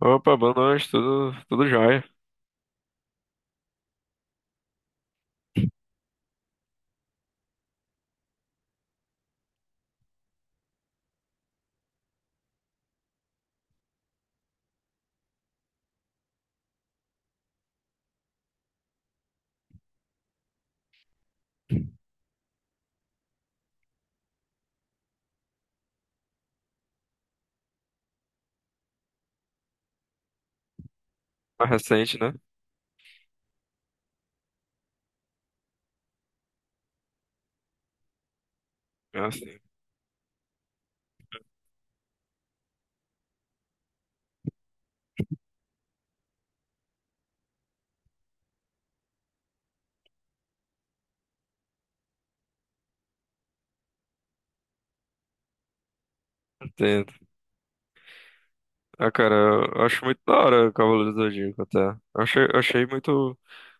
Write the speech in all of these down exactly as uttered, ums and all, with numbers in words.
Opa, boa noite, tudo, tudo jóia. Mais recente, né? Ah, sim, entendo. Ah, cara, eu acho muito da hora o Cavaleiro do Zodíaco, até. Eu Achei, eu achei muito.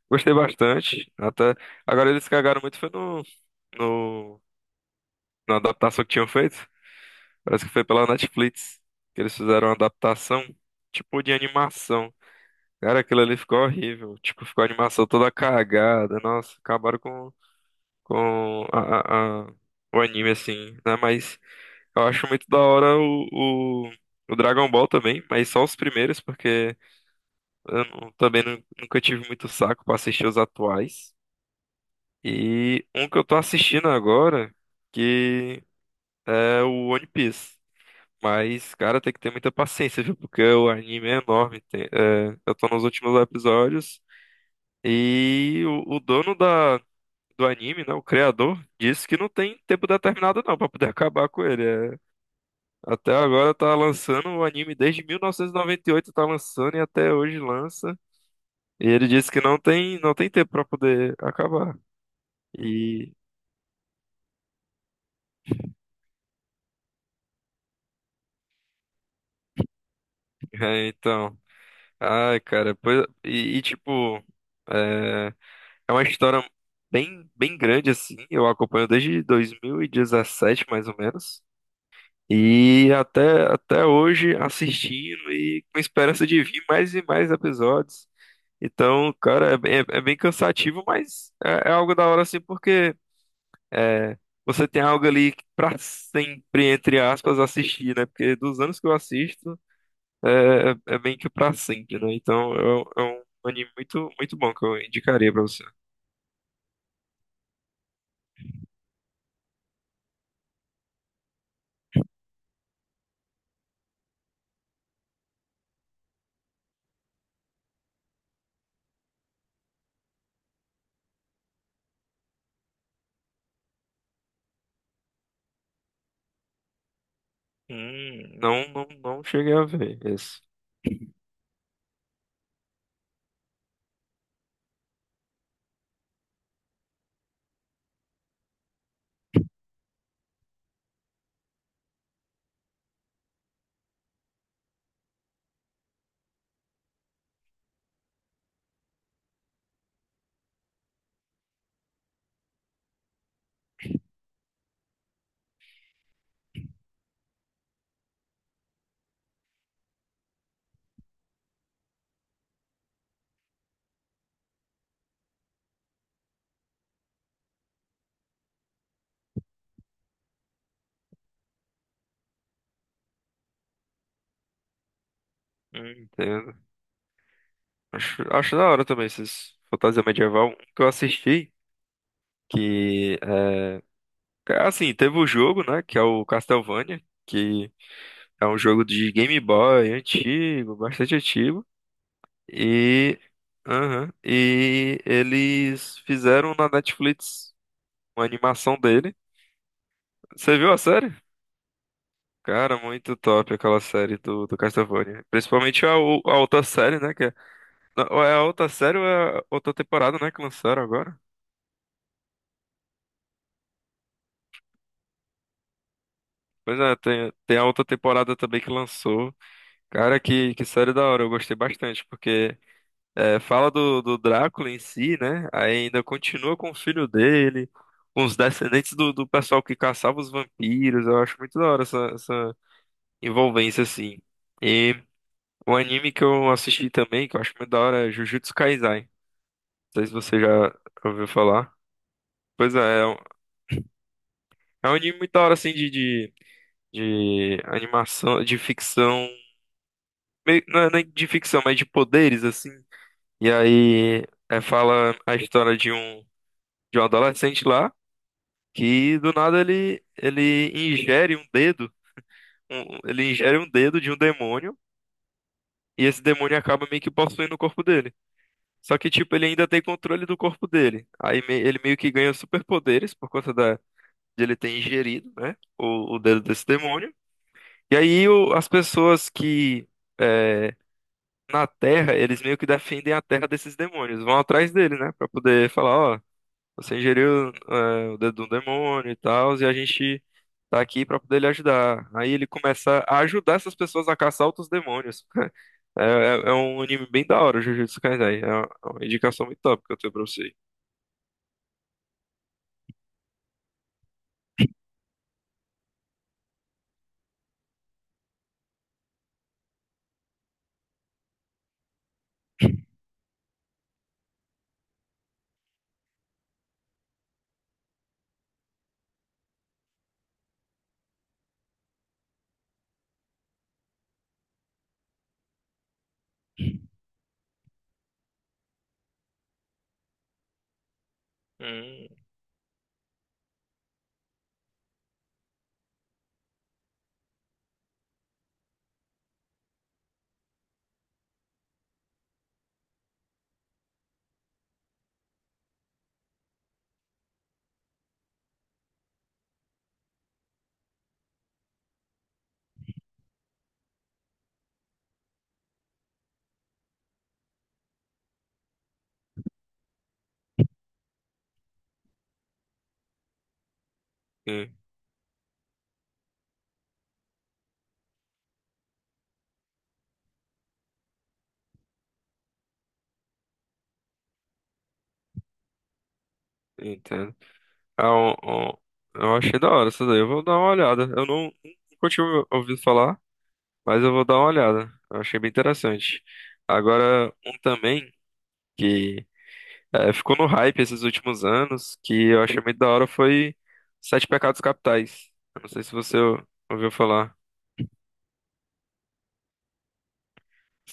Gostei bastante. Até. Agora eles cagaram muito foi no, no, na adaptação que tinham feito. Parece que foi pela Netflix que eles fizeram uma adaptação, tipo, de animação. Cara, aquilo ali ficou horrível. Tipo, ficou a animação toda cagada. Nossa, acabaram com, com a, a- a- o anime, assim, né? Mas. Eu acho muito da hora o, o, o Dragon Ball também, mas só os primeiros, porque eu não- também nu- nunca tive muito saco pra assistir os atuais. E um que eu tô assistindo agora, que é o One Piece. Mas, cara, tem que ter muita paciência, viu? Porque o anime é enorme. Tem- é, eu tô nos últimos episódios. E o, o dono da, do anime, né? O criador, disse que não tem tempo determinado não pra poder acabar com ele. É, até agora tá lançando o anime desde mil novecentos e noventa e oito, tá lançando e até hoje lança. E ele disse que não tem não tem tempo pra poder acabar. E é, então, ai, cara, pois, e, e, tipo, é, é uma história bem bem grande assim. Eu acompanho desde dois mil e dezessete, mais ou menos. E até até hoje assistindo e com esperança de vir mais e mais episódios. Então, cara, é, bem é bem cansativo, mas é, é algo da hora assim, porque é, você tem algo ali pra sempre, entre aspas, assistir, né? Porque dos anos que eu assisto, é, é é bem que pra sempre, né? Então, é, um é um anime muito, muito bom que eu indicaria pra você. Hum, não, não, não cheguei a ver esse. Hum, entendo. Acho, acho da hora também esses fantasia medieval. Um que eu assisti, que, é, assim, teve o jogo, né? Que é o Castlevania. Que É um jogo de Game Boy antigo, bastante antigo. E, aham, e eles fizeram na Netflix uma animação dele. Você viu a série? Cara, muito top aquela série do, do Castlevania. Principalmente a, o- a outra série, né? Que é, não, ou é a outra série ou é a outra temporada, né? Que lançaram agora. Pois é, tem, tem a outra temporada também que lançou. Cara, que, que série da hora, eu gostei bastante, porque é, fala do, do Drácula em si, né? Aí ainda continua com o filho dele, com os descendentes do, do pessoal que caçava os vampiros. Eu acho muito da hora essa, essa envolvência, assim. E o anime que eu assisti também, que eu acho muito da hora, é Jujutsu Kaisen. Não sei se você já ouviu falar. Pois é, é um, é um anime muito da hora, assim, de, de, de animação, de ficção. Meio- não é nem de ficção, mas de poderes, assim. E aí, é, fala a história de um, de um adolescente lá, que do nada ele, ele ingere um dedo, um- ele ingere um dedo de um demônio, e esse demônio acaba meio que possuindo o corpo dele. Só que, tipo, ele ainda tem controle do corpo dele. Aí me- ele meio que ganha superpoderes por conta da, de ele ter ingerido, né, o, o dedo desse demônio. E aí o- as pessoas que, é, na Terra, eles meio que defendem a Terra desses demônios, vão atrás dele, né, pra poder falar, ó. Você ingeriu, é, o dedo do demônio e tal, e a gente tá aqui pra poder lhe ajudar. Aí ele começa a ajudar essas pessoas a caçar outros demônios. É, é- é um anime bem da hora, o Jujutsu Kaisen. É uma é uma indicação muito top que eu tenho pra você. Hum, en- entendo. Ah, um- um- eu achei da hora essa daí. Eu vou dar uma olhada. Eu não Nunca tinha ouvido falar, mas eu vou dar uma olhada. Eu achei bem interessante. Agora, um também, que é, ficou no hype esses últimos anos, que eu achei muito da hora foi Sete Pecados Capitais. Eu não sei se você ou- ouviu falar.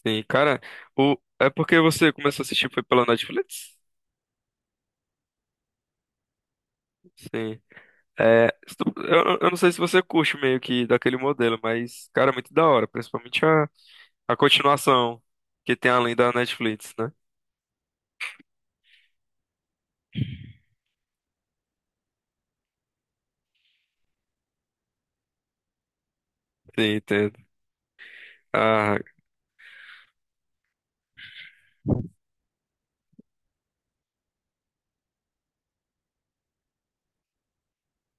Sim, cara, o... é porque você começou a assistir foi pela Netflix? Sim. É, se tu- eu, eu não sei se você curte meio que daquele modelo, mas, cara, é muito da hora, principalmente a, a continuação que tem além da Netflix, né? Sim, entendo. Ah,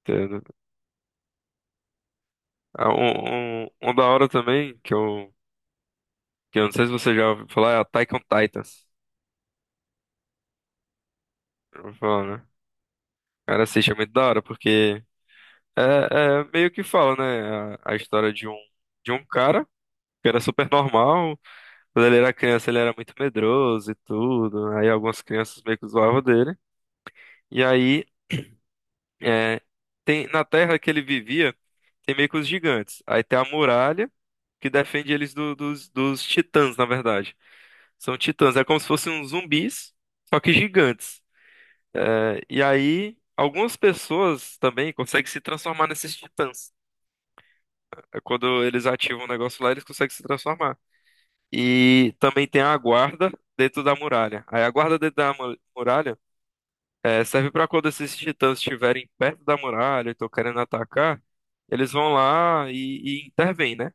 entendo. Ah, um, um, um da hora também, que eu, que eu não sei se você já ouviu falar, é a Attack on Titans. Eu vou falar, né? Cara, assiste é muito da hora, porque é, é meio que fala, né? A, a história de um, de um cara que era super normal. Quando ele era criança, ele era muito medroso e tudo. Aí algumas crianças meio que zoavam dele. E aí, é, tem, na terra que ele vivia, tem meio que os gigantes. Aí tem a muralha que defende eles do- dos, dos titãs, na verdade. São titãs, é como se fossem uns zumbis, só que gigantes. É, e aí, algumas pessoas também conseguem se transformar nesses titãs. É, quando eles ativam o negócio lá, eles conseguem se transformar. E também tem a guarda dentro da muralha. Aí a guarda dentro da mu- muralha, eh, serve para quando esses titãs estiverem perto da muralha e estão querendo atacar, eles vão lá e, e intervêm, né?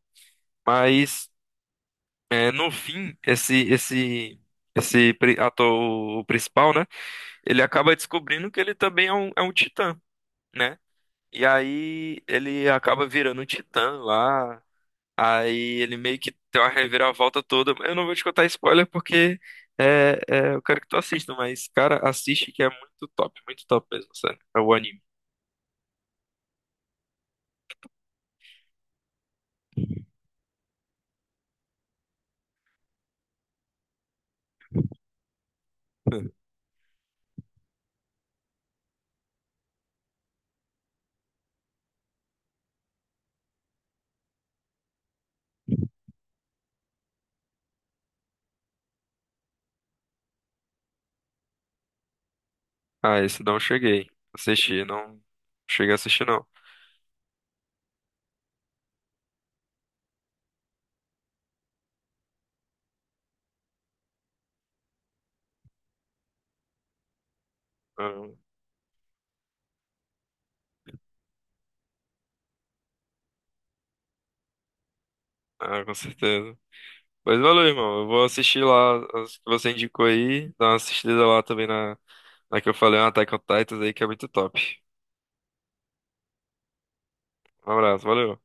Mas eh, no fim, esse, esse, esse pri- ator o principal, né? Ele acaba descobrindo que ele também é um, é um titã, né? E aí ele acaba virando um titã lá. Aí ele meio que tem uma reviravolta toda. Eu não vou te contar spoiler porque é, é, eu quero que tu assista, mas, cara, assiste que é muito top, muito top mesmo, sério. É o anime. Ah, esse não cheguei. Assisti, não cheguei a assistir, não. Ah, ah, com certeza. Pois valeu, irmão. Eu vou assistir lá as que você indicou aí. Dar uma assistida lá também na, na que eu falei, na Attack on Titans aí, que é muito top. Um abraço, valeu.